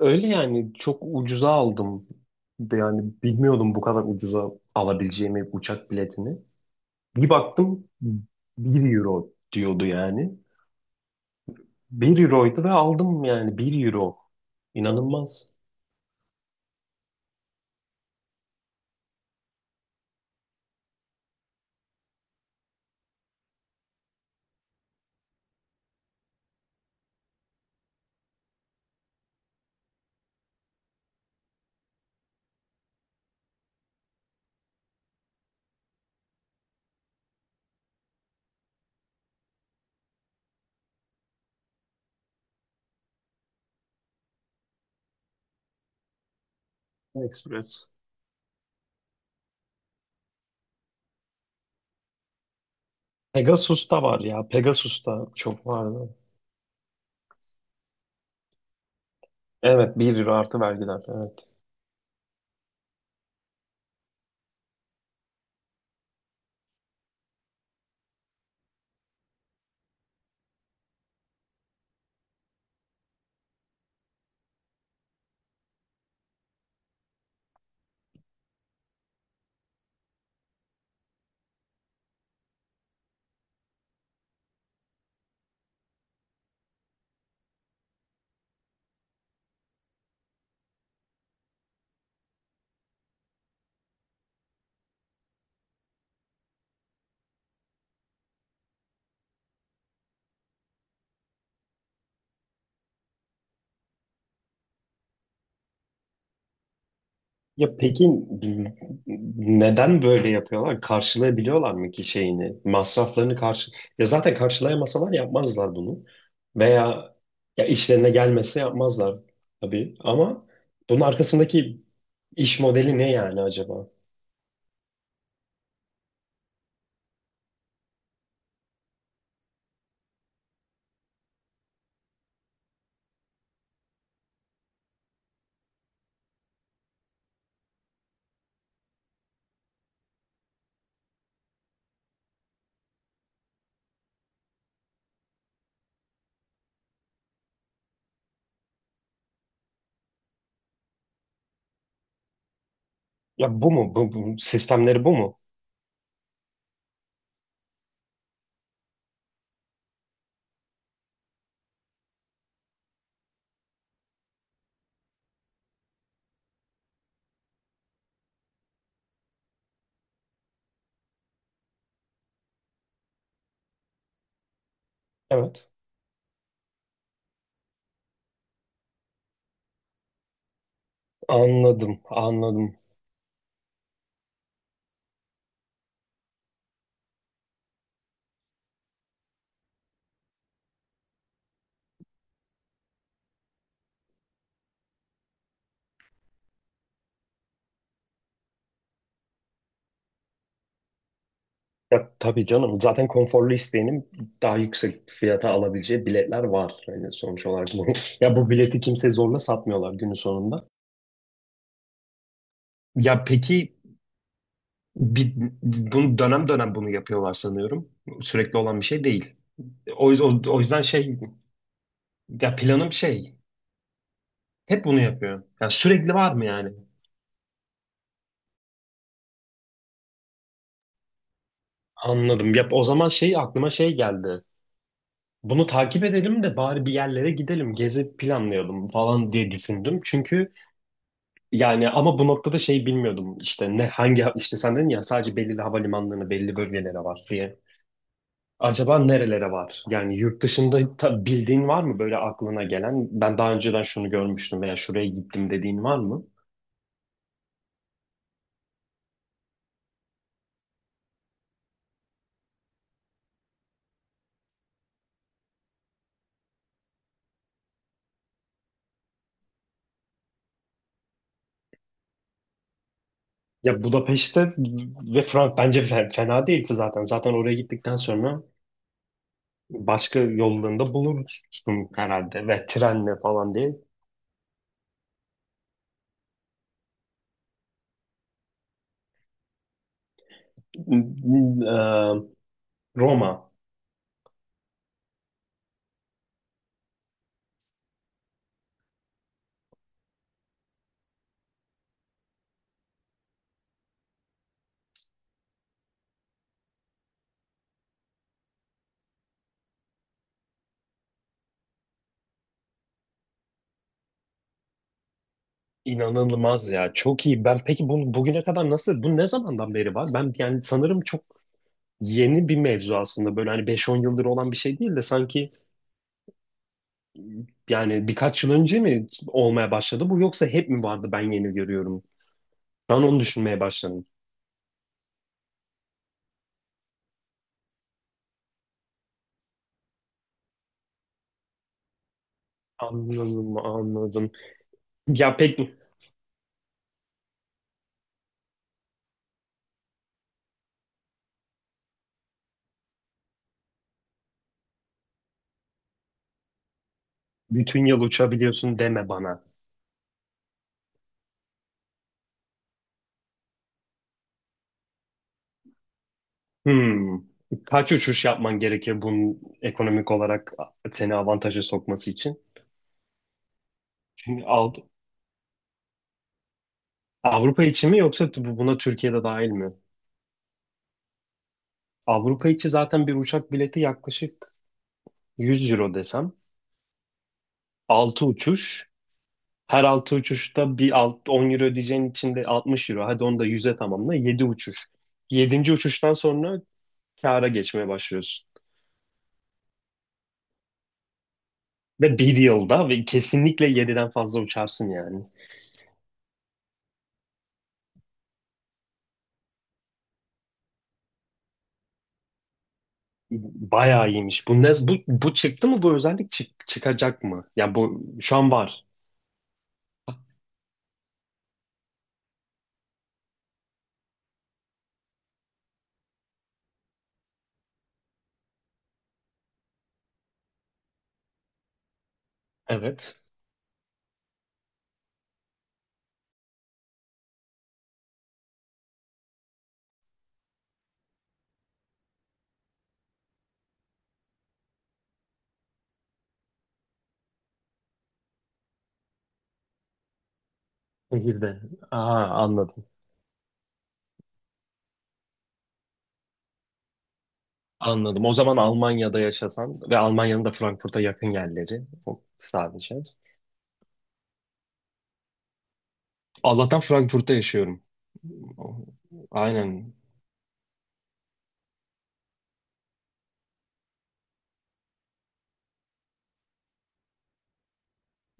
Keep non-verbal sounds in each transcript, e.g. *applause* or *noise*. Öyle yani çok ucuza aldım. Yani bilmiyordum bu kadar ucuza alabileceğimi uçak biletini. Bir baktım 1 euro diyordu yani. Bir euroydu ve aldım, yani 1 euro. İnanılmaz. Express. Pegasus'ta var ya. Pegasus'ta çok vardı. Evet, 1 euro artı vergiler. Evet. Ya peki, n- neden böyle yapıyorlar? Karşılayabiliyorlar mı ki şeyini? Masraflarını karşı... Ya zaten karşılayamasalar yapmazlar bunu. Veya ya işlerine gelmese yapmazlar tabii. Ama bunun arkasındaki iş modeli ne yani acaba? Ya bu mu? Bu sistemleri bu mu? Evet. Anladım, anladım. Ya tabii canım. Zaten konforlu isteyenin daha yüksek fiyata alabileceği biletler var. Yani sonuç olarak bunu. *laughs* Ya bu bileti kimse zorla satmıyorlar günün sonunda. Ya peki bir, bunu dönem dönem bunu yapıyorlar sanıyorum. Sürekli olan bir şey değil. O yüzden şey, ya planım şey, hep bunu yapıyor. Yani sürekli var mı yani? Anladım. Ya o zaman şey aklıma şey geldi. Bunu takip edelim de bari bir yerlere gidelim, gezi planlayalım falan diye düşündüm. Çünkü yani ama bu noktada şey bilmiyordum işte ne hangi işte sen dedin ya sadece belirli havalimanlarına belli bölgelere var diye. Acaba nerelere var? Yani yurt dışında bildiğin var mı böyle aklına gelen? Ben daha önceden şunu görmüştüm veya şuraya gittim dediğin var mı? Ya Budapeşte ve Frank bence fena değil zaten. Zaten oraya gittikten sonra başka yollarında bulursun herhalde ve trenle falan diye. Eee, Roma. İnanılmaz ya. Çok iyi. Ben peki bugüne kadar nasıl bu ne zamandan beri var? Ben yani sanırım çok yeni bir mevzu aslında. Böyle hani beş on yıldır olan bir şey değil de sanki. Yani birkaç yıl önce mi olmaya başladı bu yoksa hep mi vardı, ben yeni görüyorum? Ben onu düşünmeye başladım. Anladım, anladım. Ya bütün yıl uçabiliyorsun deme bana. Hmm. Kaç uçuş yapman gerekir bunun ekonomik olarak seni avantaja sokması için? Çünkü Avrupa içi mi yoksa buna Türkiye'de dahil mi? Avrupa içi zaten bir uçak bileti yaklaşık 100 euro desem. 6 uçuş. Her 6 uçuşta bir 10 euro ödeyeceğin için de 60 euro. Hadi onu da 100'e tamamla. Yedi uçuş. Yedinci uçuştan sonra kâra geçmeye başlıyorsun. Ve bir yılda ve kesinlikle yediden fazla uçarsın yani. Bayağı iyiymiş. Bu çıktı mı? Bu özellik çıkacak mı? Ya bu şu an var. Evet. Nehirde. Aha, anladım. Anladım. O zaman Almanya'da yaşasan ve Almanya'nın da Frankfurt'a yakın yerleri o sadece. Allah'tan Frankfurt'ta yaşıyorum. Aynen.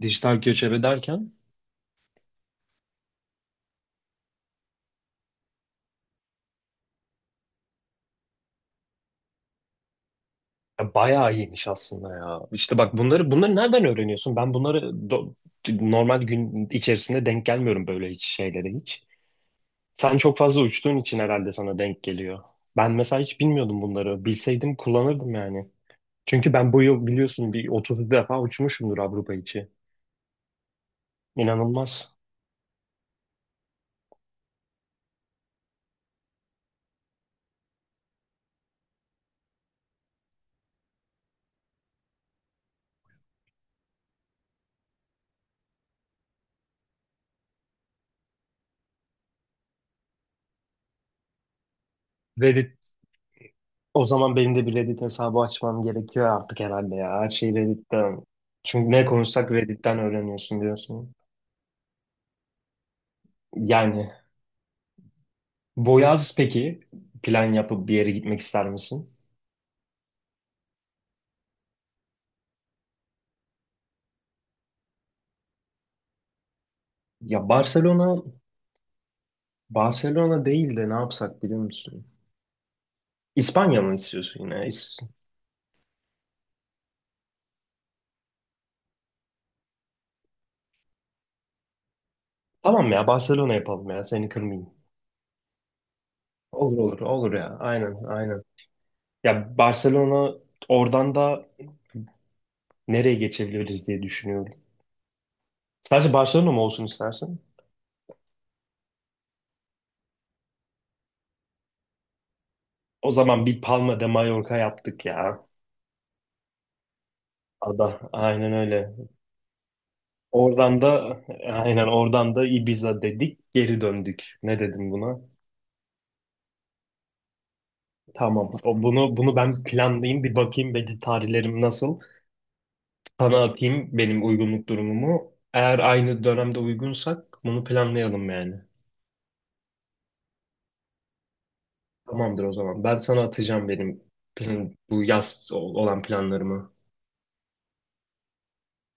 Dijital göçebe derken? Ya bayağı iyiymiş aslında ya. İşte bak bunları nereden öğreniyorsun? Ben bunları normal gün içerisinde denk gelmiyorum böyle hiç şeylere hiç. Sen çok fazla uçtuğun için herhalde sana denk geliyor. Ben mesela hiç bilmiyordum bunları. Bilseydim kullanırdım yani. Çünkü ben bu yıl biliyorsun bir 30 defa uçmuşumdur Avrupa içi. İnanılmaz. Reddit, o zaman benim de bir Reddit hesabı açmam gerekiyor artık herhalde ya. Her şeyi Reddit'ten. Çünkü ne konuşsak Reddit'ten öğreniyorsun diyorsun. Yani bu, peki, plan yapıp bir yere gitmek ister misin? Ya Barcelona, Barcelona değil de ne yapsak biliyor musun? İspanya mı istiyorsun yine? Tamam ya, Barcelona yapalım ya, seni kırmayayım. Olur olur olur ya, aynen aynen. Ya Barcelona, oradan da nereye geçebiliriz diye düşünüyorum. Sadece Barcelona mı olsun istersin? O zaman bir Palma de Mallorca yaptık ya. Ada, aynen öyle. Oradan da, aynen, oradan da Ibiza dedik, geri döndük. Ne dedim buna? Tamam. Bunu ben planlayayım, bir bakayım belki tarihlerim nasıl. Sana atayım benim uygunluk durumumu. Eğer aynı dönemde uygunsak bunu planlayalım yani. Tamamdır o zaman. Ben sana atacağım benim bu yaz olan planlarımı.